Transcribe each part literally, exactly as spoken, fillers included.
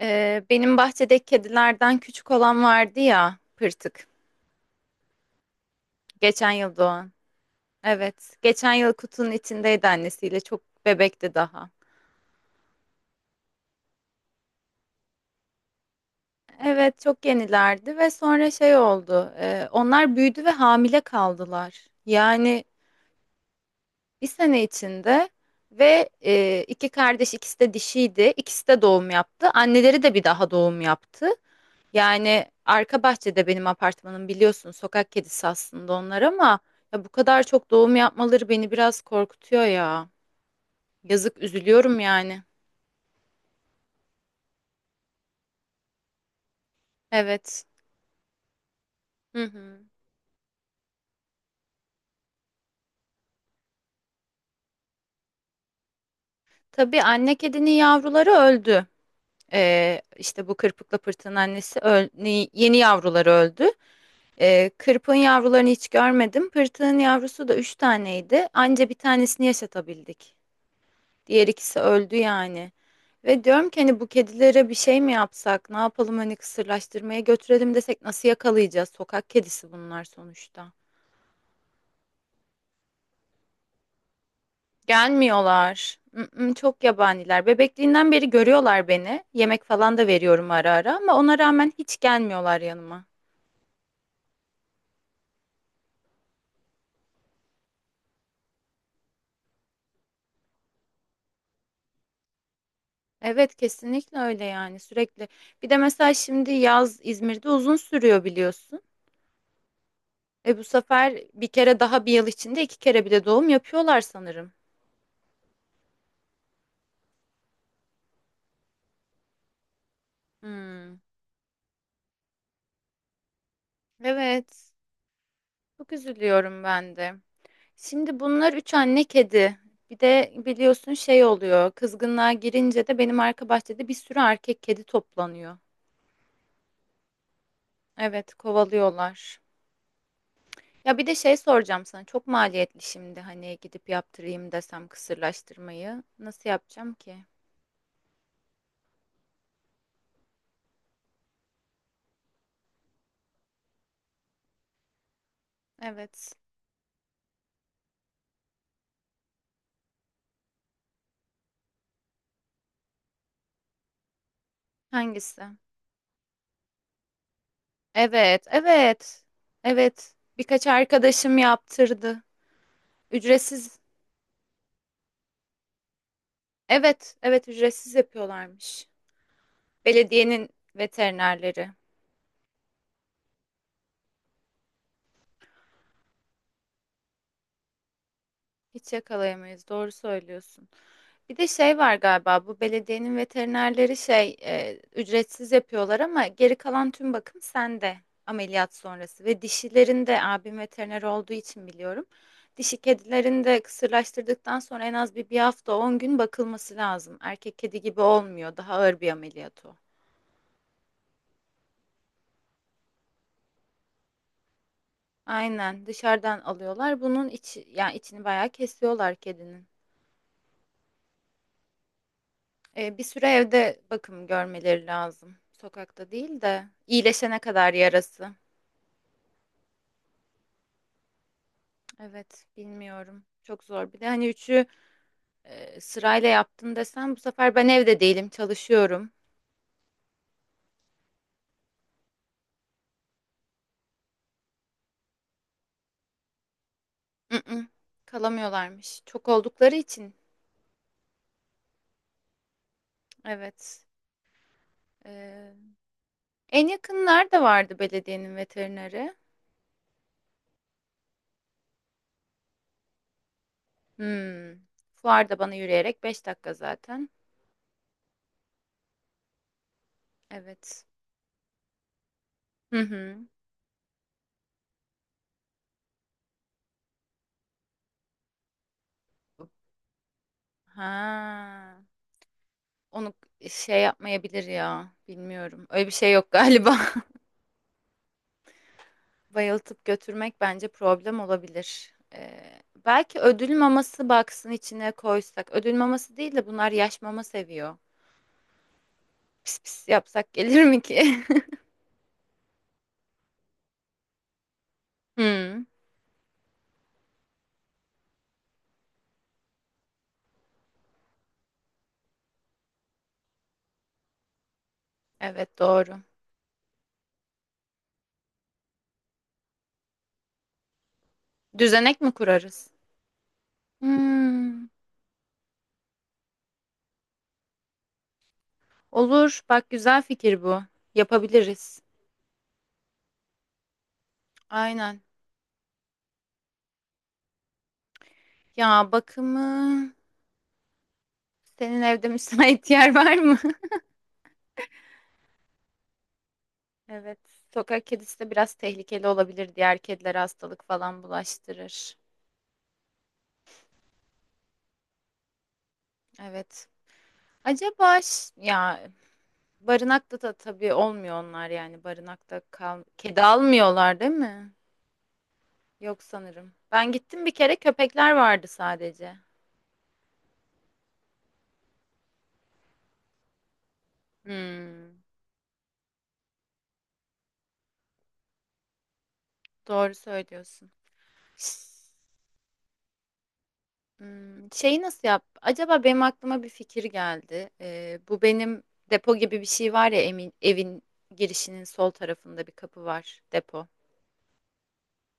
Ee, benim bahçedeki kedilerden küçük olan vardı ya, pırtık. Geçen yıl doğan. Evet, geçen yıl kutunun içindeydi annesiyle. Çok bebekti daha. Evet, çok yenilerdi ve sonra şey oldu. E, onlar büyüdü ve hamile kaldılar. Yani bir sene içinde ve e, iki kardeş ikisi de dişiydi. İkisi de doğum yaptı. Anneleri de bir daha doğum yaptı. Yani arka bahçede benim apartmanım biliyorsun sokak kedisi aslında onlar ama ya bu kadar çok doğum yapmaları beni biraz korkutuyor ya. Yazık üzülüyorum yani. Evet. Hı hı. Tabii anne kedinin yavruları öldü. Ee, işte bu kırpıkla pırtığın annesi öl- ni- yeni yavruları öldü. Ee, kırpığın yavrularını hiç görmedim. Pırtığın yavrusu da üç taneydi. Anca bir tanesini yaşatabildik. Diğer ikisi öldü yani. Ve diyorum ki hani bu kedilere bir şey mi yapsak? Ne yapalım hani kısırlaştırmaya götürelim desek nasıl yakalayacağız? Sokak kedisi bunlar sonuçta. Gelmiyorlar. Mm-mm, çok yabaniler. Bebekliğinden beri görüyorlar beni. Yemek falan da veriyorum ara ara ama ona rağmen hiç gelmiyorlar yanıma. Evet kesinlikle öyle yani sürekli. Bir de mesela şimdi yaz İzmir'de uzun sürüyor biliyorsun. E bu sefer bir kere daha bir yıl içinde iki kere bile doğum yapıyorlar sanırım. Hmm. Evet. Çok üzülüyorum ben de. Şimdi bunlar üç anne kedi. Bir de biliyorsun şey oluyor. Kızgınlığa girince de benim arka bahçede bir sürü erkek kedi toplanıyor. Evet, kovalıyorlar. Ya bir de şey soracağım sana. Çok maliyetli şimdi hani gidip yaptırayım desem kısırlaştırmayı. Nasıl yapacağım ki? Evet. Hangisi? Evet, evet. Evet. Birkaç arkadaşım yaptırdı. Ücretsiz. Evet, evet ücretsiz yapıyorlarmış. Belediyenin veterinerleri. Hiç yakalayamayız. Doğru söylüyorsun. Bir de şey var galiba bu belediyenin veterinerleri şey e, ücretsiz yapıyorlar ama geri kalan tüm bakım sende ameliyat sonrası ve dişilerin de abim veteriner olduğu için biliyorum. Dişi kedilerin de kısırlaştırdıktan sonra en az bir, bir hafta on gün bakılması lazım. Erkek kedi gibi olmuyor. Daha ağır bir ameliyat o. Aynen dışarıdan alıyorlar. Bunun içi yani içini bayağı kesiyorlar kedinin. E, bir süre evde bakım görmeleri lazım. Sokakta değil de iyileşene kadar yarası. Evet, bilmiyorum. Çok zor. Bir de hani üçü e, sırayla yaptın desem bu sefer ben evde değilim, çalışıyorum. Mm-mm, kalamıyorlarmış. Çok oldukları için. Evet. E, En yakın nerede vardı belediyenin veterineri? Hmm. Fuarda bana yürüyerek beş dakika zaten. Evet. Hı hı. Ha. Onu şey yapmayabilir ya. Bilmiyorum. Öyle bir şey yok galiba. Bayıltıp götürmek bence problem olabilir. Ee, belki ödül maması baksın içine koysak. Ödül maması değil de bunlar yaş mama seviyor. Pis pis yapsak gelir mi ki? Hmm, evet doğru. Düzenek mi kurarız? Hmm, olur. Bak güzel fikir bu. Yapabiliriz. Aynen. Ya bakımı senin evde müsait yer var mı? Evet. Sokak kedisi de biraz tehlikeli olabilir. Diğer kedilere hastalık falan bulaştırır. Evet. Acaba ş- ya barınakta da tabii olmuyor onlar yani barınakta kal kedi almıyorlar değil mi? Yok sanırım. Ben gittim bir kere köpekler vardı sadece. Hmm, doğru söylüyorsun. Hmm, şeyi nasıl yap? Acaba benim aklıma bir fikir geldi. Ee, bu benim depo gibi bir şey var ya emin, evin girişinin sol tarafında bir kapı var depo.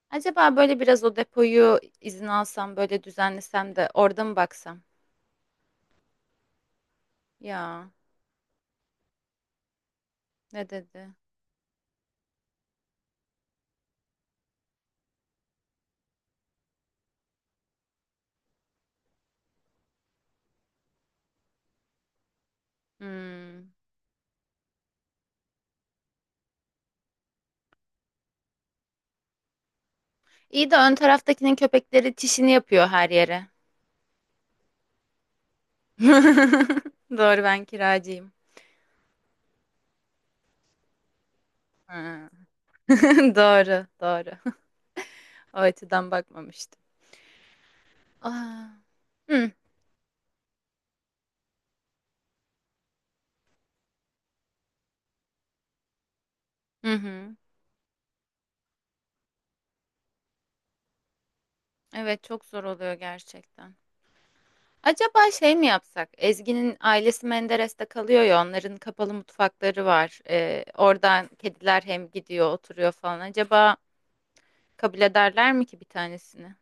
Acaba böyle biraz o depoyu izin alsam böyle düzenlesem de orada mı baksam? Ya ne dedi? Hmm. İyi de ön taraftakinin köpekleri çişini yapıyor her yere. Doğru ben kiracıyım. Ha. Doğru doğru. O açıdan bakmamıştım. Aa. Hı. Hı hı. Evet çok zor oluyor gerçekten. Acaba şey mi yapsak? Ezgi'nin ailesi Menderes'te kalıyor ya, onların kapalı mutfakları var. Ee, oradan kediler hem gidiyor, oturuyor falan. Acaba kabul ederler mi ki bir tanesini?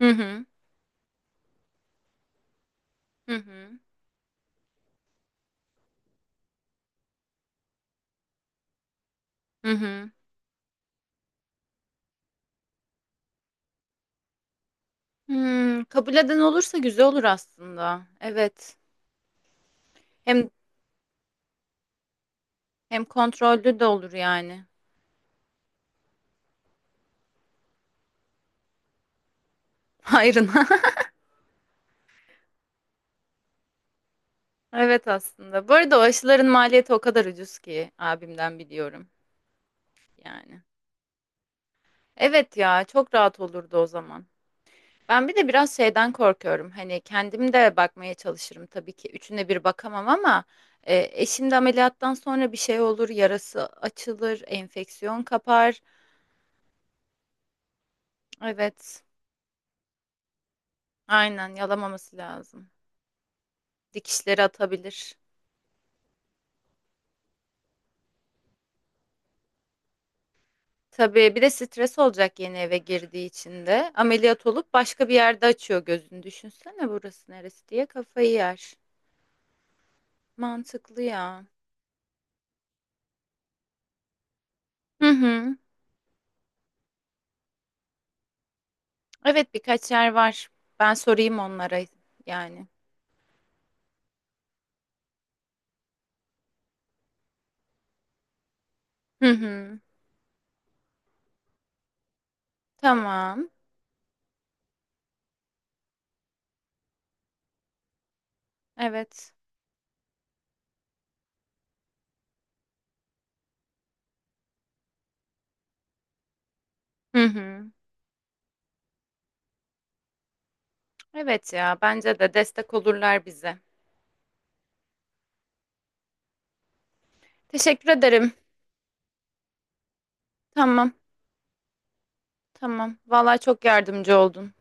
Hı hı, hı hı, hı hı. Hmm, kabul eden olursa güzel olur aslında. Evet. Hem hem kontrollü de olur yani. Hayrına. Evet aslında. Bu arada o aşıların maliyeti o kadar ucuz ki abimden biliyorum yani. Evet ya, çok rahat olurdu o zaman. Ben bir de biraz şeyden korkuyorum. Hani kendim de bakmaya çalışırım tabii ki. Üçüne bir bakamam ama e, eşim de ameliyattan sonra bir şey olur, yarası açılır, enfeksiyon kapar. Evet, aynen yalamaması lazım. Dikişleri atabilir. Tabii bir de stres olacak yeni eve girdiği için de. Ameliyat olup başka bir yerde açıyor gözünü. Düşünsene burası neresi diye kafayı yer. Mantıklı ya. Hı hı. Evet birkaç yer var. Ben sorayım onlara yani. Hı hı. Tamam. Evet. Hı hı. Evet ya bence de destek olurlar bize. Teşekkür ederim. Tamam. Tamam. Vallahi çok yardımcı oldun.